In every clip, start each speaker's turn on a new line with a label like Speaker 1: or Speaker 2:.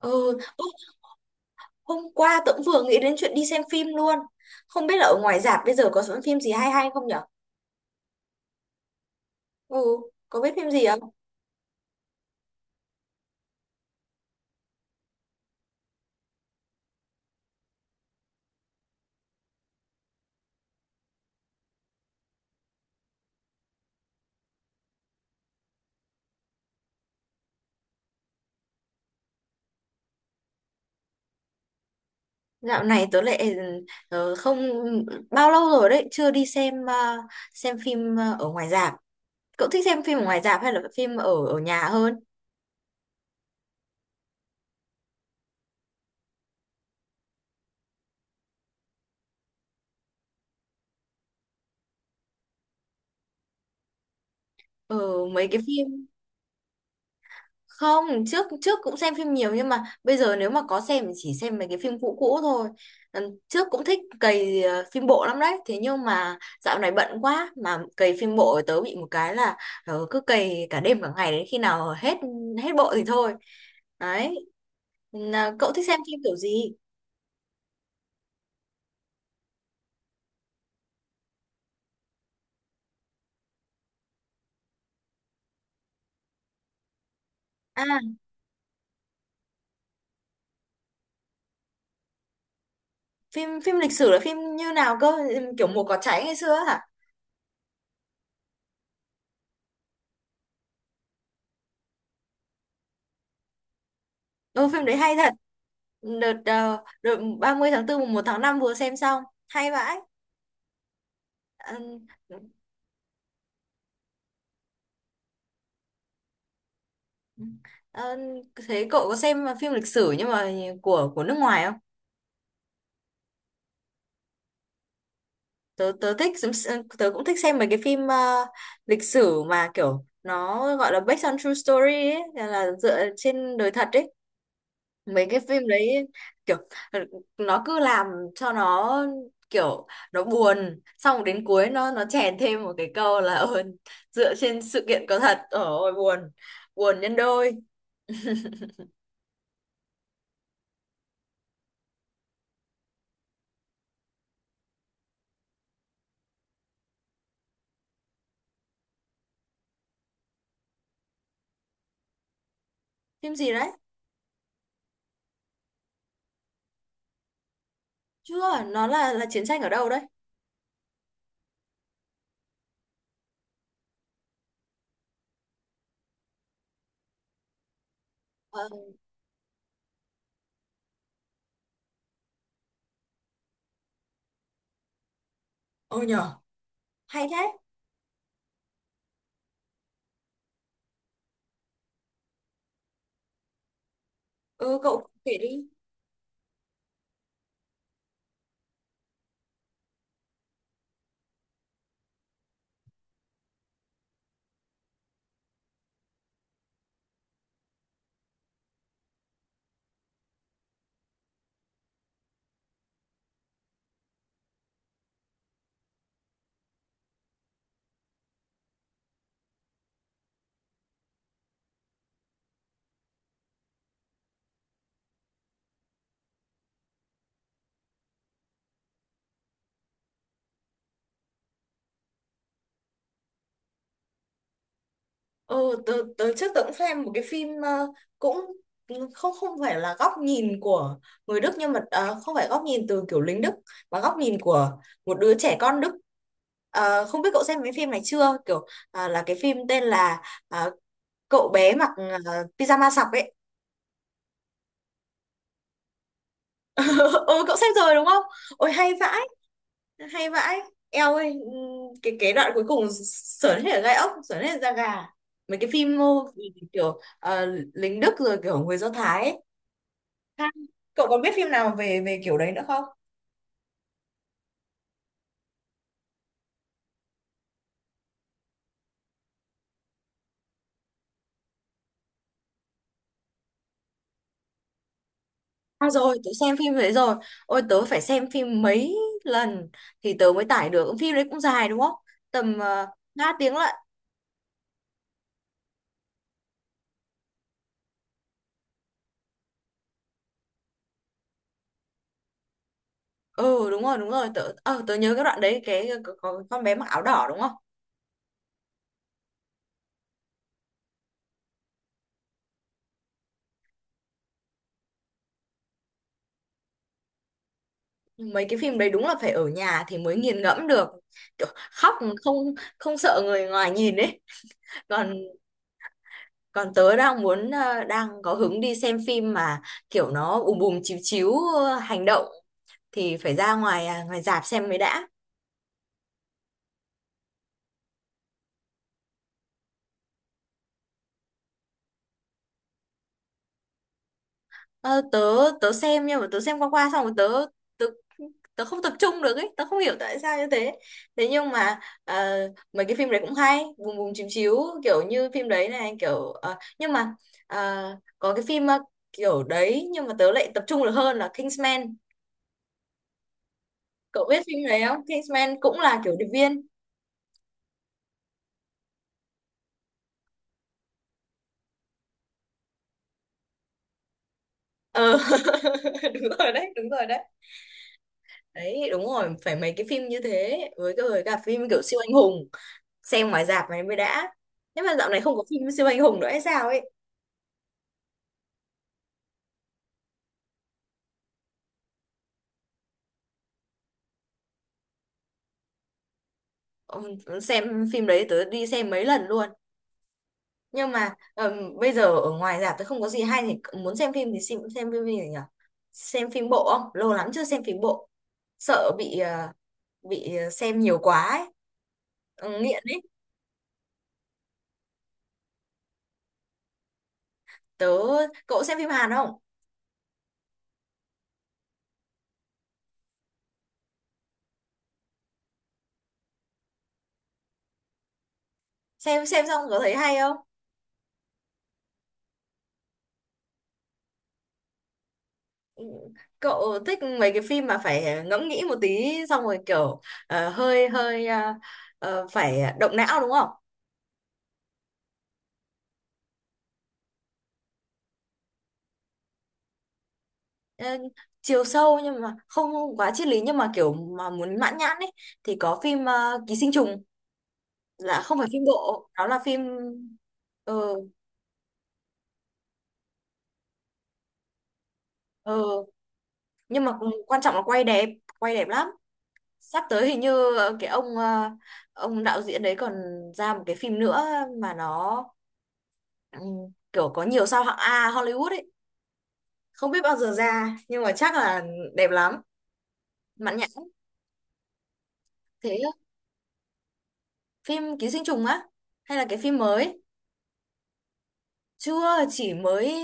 Speaker 1: Ừ, ô, hôm qua tớ cũng vừa nghĩ đến chuyện đi xem phim luôn. Không biết là ở ngoài rạp bây giờ có sẵn phim gì hay hay không nhở? Ừ, có biết phim gì không? Dạo này tớ lại không bao lâu rồi đấy chưa đi xem xem phim ở ngoài rạp. Cậu thích xem phim ở ngoài rạp hay là phim ở ở nhà hơn? Ừ, mấy cái phim không, trước trước cũng xem phim nhiều, nhưng mà bây giờ nếu mà có xem thì chỉ xem mấy cái phim cũ cũ thôi. Ừ, trước cũng thích cày phim bộ lắm đấy, thế nhưng mà dạo này bận quá mà cày phim bộ tớ bị một cái là cứ cày cả đêm cả ngày đến khi nào hết hết bộ thì thôi, đấy. Là cậu thích xem phim kiểu gì? À, phim phim lịch sử là phim như nào cơ? Kiểu mùa cỏ cháy ngày xưa hả? Ô, phim đấy hay thật. Đợt đợt 30 tháng 4 mùng 1 tháng 5 vừa xem xong, hay vãi. Ờ, ờ, thế cậu có xem phim lịch sử nhưng mà của nước ngoài không? Tớ tớ thích tớ cũng thích xem mấy cái phim lịch sử mà kiểu nó gọi là based on true story ấy, là dựa trên đời thật ấy. Mấy cái phim đấy kiểu nó cứ làm cho nó kiểu nó buồn, xong rồi đến cuối nó chèn thêm một cái câu là "Ờ, dựa trên sự kiện có thật". Ôi buồn, buồn nhân đôi. Phim gì đấy? Chưa, nó là chiến tranh ở đâu đấy? Ờ, ừ nhở, hay thế. Ừ, cậu kể đi. Ừ, tớ trước tớ cũng xem một cái phim cũng không không phải là góc nhìn của người Đức, nhưng mà không phải góc nhìn từ kiểu lính Đức mà góc nhìn của một đứa trẻ con Đức. Ờ, không biết cậu xem cái phim này chưa? Kiểu là cái phim tên là ờ, cậu bé mặc pyjama sọc ấy. Ừ, cậu xem rồi đúng không? Ôi hay vãi. Hay vãi, eo ơi. Cái đoạn cuối cùng sởn hết cả gai ốc, sởn hết da gà. Mấy cái phim kiểu lính Đức rồi kiểu người Do Thái ấy. Ha. Cậu còn biết phim nào về về kiểu đấy nữa không? À rồi, tớ xem phim đấy rồi. Ôi, tớ phải xem phim mấy lần thì tớ mới tải được. Phim đấy cũng dài đúng không? Tầm 3 tiếng lận. Ừ đúng rồi, đúng rồi. Tớ nhớ cái đoạn đấy, cái có con bé mặc áo đỏ đúng không? Mấy cái phim đấy đúng là phải ở nhà thì mới nghiền ngẫm được, kiểu khóc không không sợ người ngoài nhìn ấy. Còn còn tớ đang muốn đang có hứng đi xem phim mà kiểu nó ùm bùm chiếu chiếu hành động thì phải ra ngoài à, ngoài rạp xem mới đã. Ờ, tớ tớ xem nhưng mà tớ xem qua qua xong rồi tớ tớ tớ không tập trung được ấy, tớ không hiểu tại sao như thế. Thế nhưng mà ờ, mấy cái phim đấy cũng hay bùm bùm chiếu chiếu kiểu như phim đấy này kiểu nhưng mà ờ, có cái phim kiểu đấy nhưng mà tớ lại tập trung được hơn là Kingsman. Cậu biết phim đấy không? Kingsman cũng là kiểu điệp viên. Ờ, đúng rồi đấy, đúng rồi đấy. Đấy, đúng rồi, phải mấy cái phim như thế, với cái với cả phim kiểu siêu anh hùng xem ngoài rạp này mới đã. Thế mà dạo này không có phim siêu anh hùng nữa hay sao ấy? Xem phim đấy tớ đi xem mấy lần luôn. Nhưng mà bây giờ ở ngoài rạp tớ không có gì hay thì muốn xem phim thì xem, phim gì nhỉ? Xem phim bộ không? Lâu lắm chưa xem phim bộ, sợ bị bị xem nhiều quá ấy. Ừ, nghiện ấy. Tớ cậu xem phim Hàn không? Xem xong có thấy hay không? Cậu thích mấy cái phim mà phải ngẫm nghĩ một tí xong rồi kiểu hơi hơi phải động não đúng không? Ờ, chiều sâu nhưng mà không quá triết lý, nhưng mà kiểu mà muốn mãn nhãn ấy, thì có phim Ký sinh trùng là không phải phim bộ, đó là phim. Ừ, ừ, nhưng mà quan trọng là quay đẹp lắm. Sắp tới hình như cái ông đạo diễn đấy còn ra một cái phim nữa mà nó ừ, kiểu có nhiều sao hạng A Hollywood ấy. Không biết bao giờ ra nhưng mà chắc là đẹp lắm, mãn nhãn. Thế phim ký sinh trùng á hay là cái phim mới? chưa chỉ mới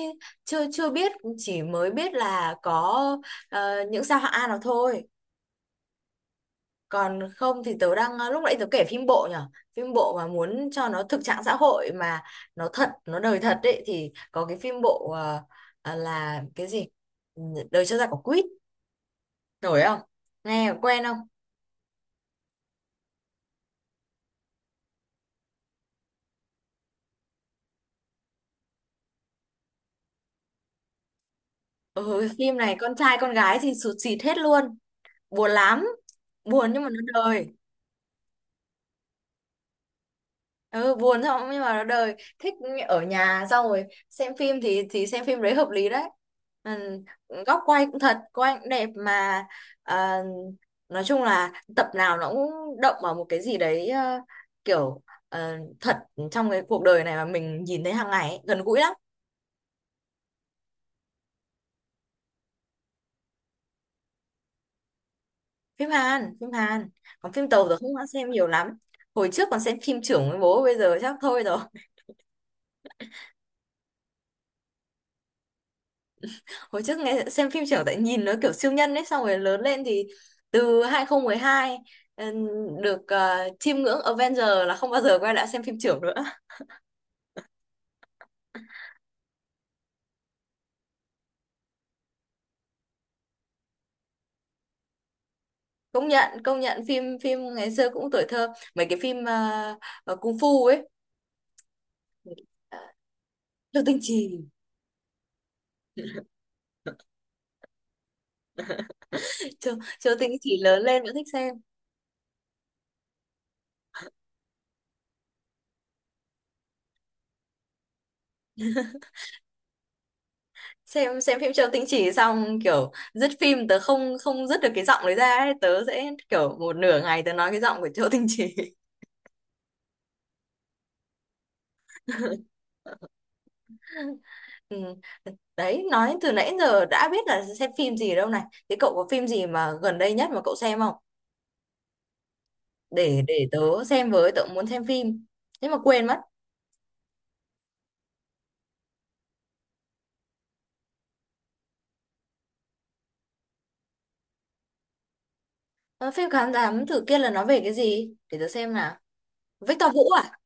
Speaker 1: chưa chưa biết, chỉ mới biết là có những sao hạng A nào thôi. Còn không thì tớ đang lúc nãy tớ kể phim bộ nhở. Phim bộ mà muốn cho nó thực trạng xã hội mà nó thật, nó đời thật ấy, thì có cái phim bộ là cái gì? Đời cho ra quả quýt, nổi không? Nghe quen không? Ừ, phim này con trai con gái thì sụt sịt hết luôn, buồn lắm. Buồn nhưng mà nó đời. Ừ, buồn xong nhưng mà nó đời thích. Ở nhà xong rồi xem phim thì xem phim đấy hợp lý đấy. Ừ, góc quay cũng thật, quay cũng đẹp mà. À, nói chung là tập nào nó cũng động vào một cái gì đấy kiểu thật trong cái cuộc đời này mà mình nhìn thấy hàng ngày ấy, gần gũi lắm. Phim Hàn, phim Hàn. Còn phim tàu rồi không đã xem nhiều lắm. Hồi trước còn xem phim trưởng với bố, bây giờ chắc thôi rồi. Hồi trước nghe xem phim trưởng tại nhìn nó kiểu siêu nhân ấy, xong rồi lớn lên thì từ 2012 ừm, được chiêm ngưỡng Avenger là không bao giờ quay lại xem phim trưởng nữa. Công nhận, công nhận phim phim ngày xưa cũng tuổi thơ, mấy cái phim cung phu ấy. Châu Tinh Chỉ. Châu, Châu Tinh Chỉ lớn lên vẫn thích xem. Xem phim Châu Tinh Chỉ xong kiểu dứt phim tớ không không dứt được cái giọng đấy ra ấy. Tớ sẽ kiểu một nửa ngày tớ nói cái giọng của Châu Tinh Chỉ. Ừ. Đấy, nói từ nãy giờ đã biết là xem phim gì đâu này. Thế cậu có phim gì mà gần đây nhất mà cậu xem không? Để tớ xem với, tớ muốn xem phim. Thế mà quên mất. Ờ, phim Khám Thám Tử kia là nó về cái gì? Để tớ xem nào. Victor Vũ à?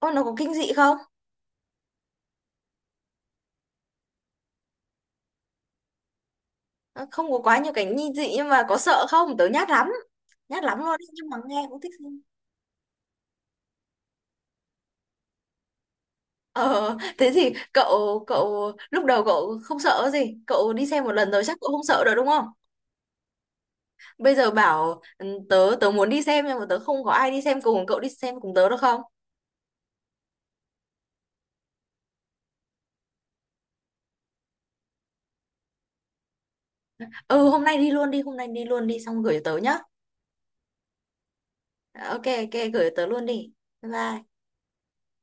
Speaker 1: Ô, nó có kinh dị không? Ờ, không có quá nhiều cảnh nghi dị nhưng mà có sợ không? Tớ nhát lắm. Nhát lắm luôn đấy, nhưng mà nghe cũng thích xem. Ờ, thế thì cậu cậu lúc đầu cậu không sợ gì? Cậu đi xem một lần rồi chắc cậu không sợ rồi đúng không? Bây giờ bảo ừ, tớ tớ muốn đi xem nhưng mà tớ không có ai đi xem cùng, cậu đi xem cùng tớ được không? Ừ, hôm nay đi luôn đi, hôm nay đi luôn đi xong gửi tớ nhá. Ờ, ok ok gửi tớ luôn đi. Bye bye.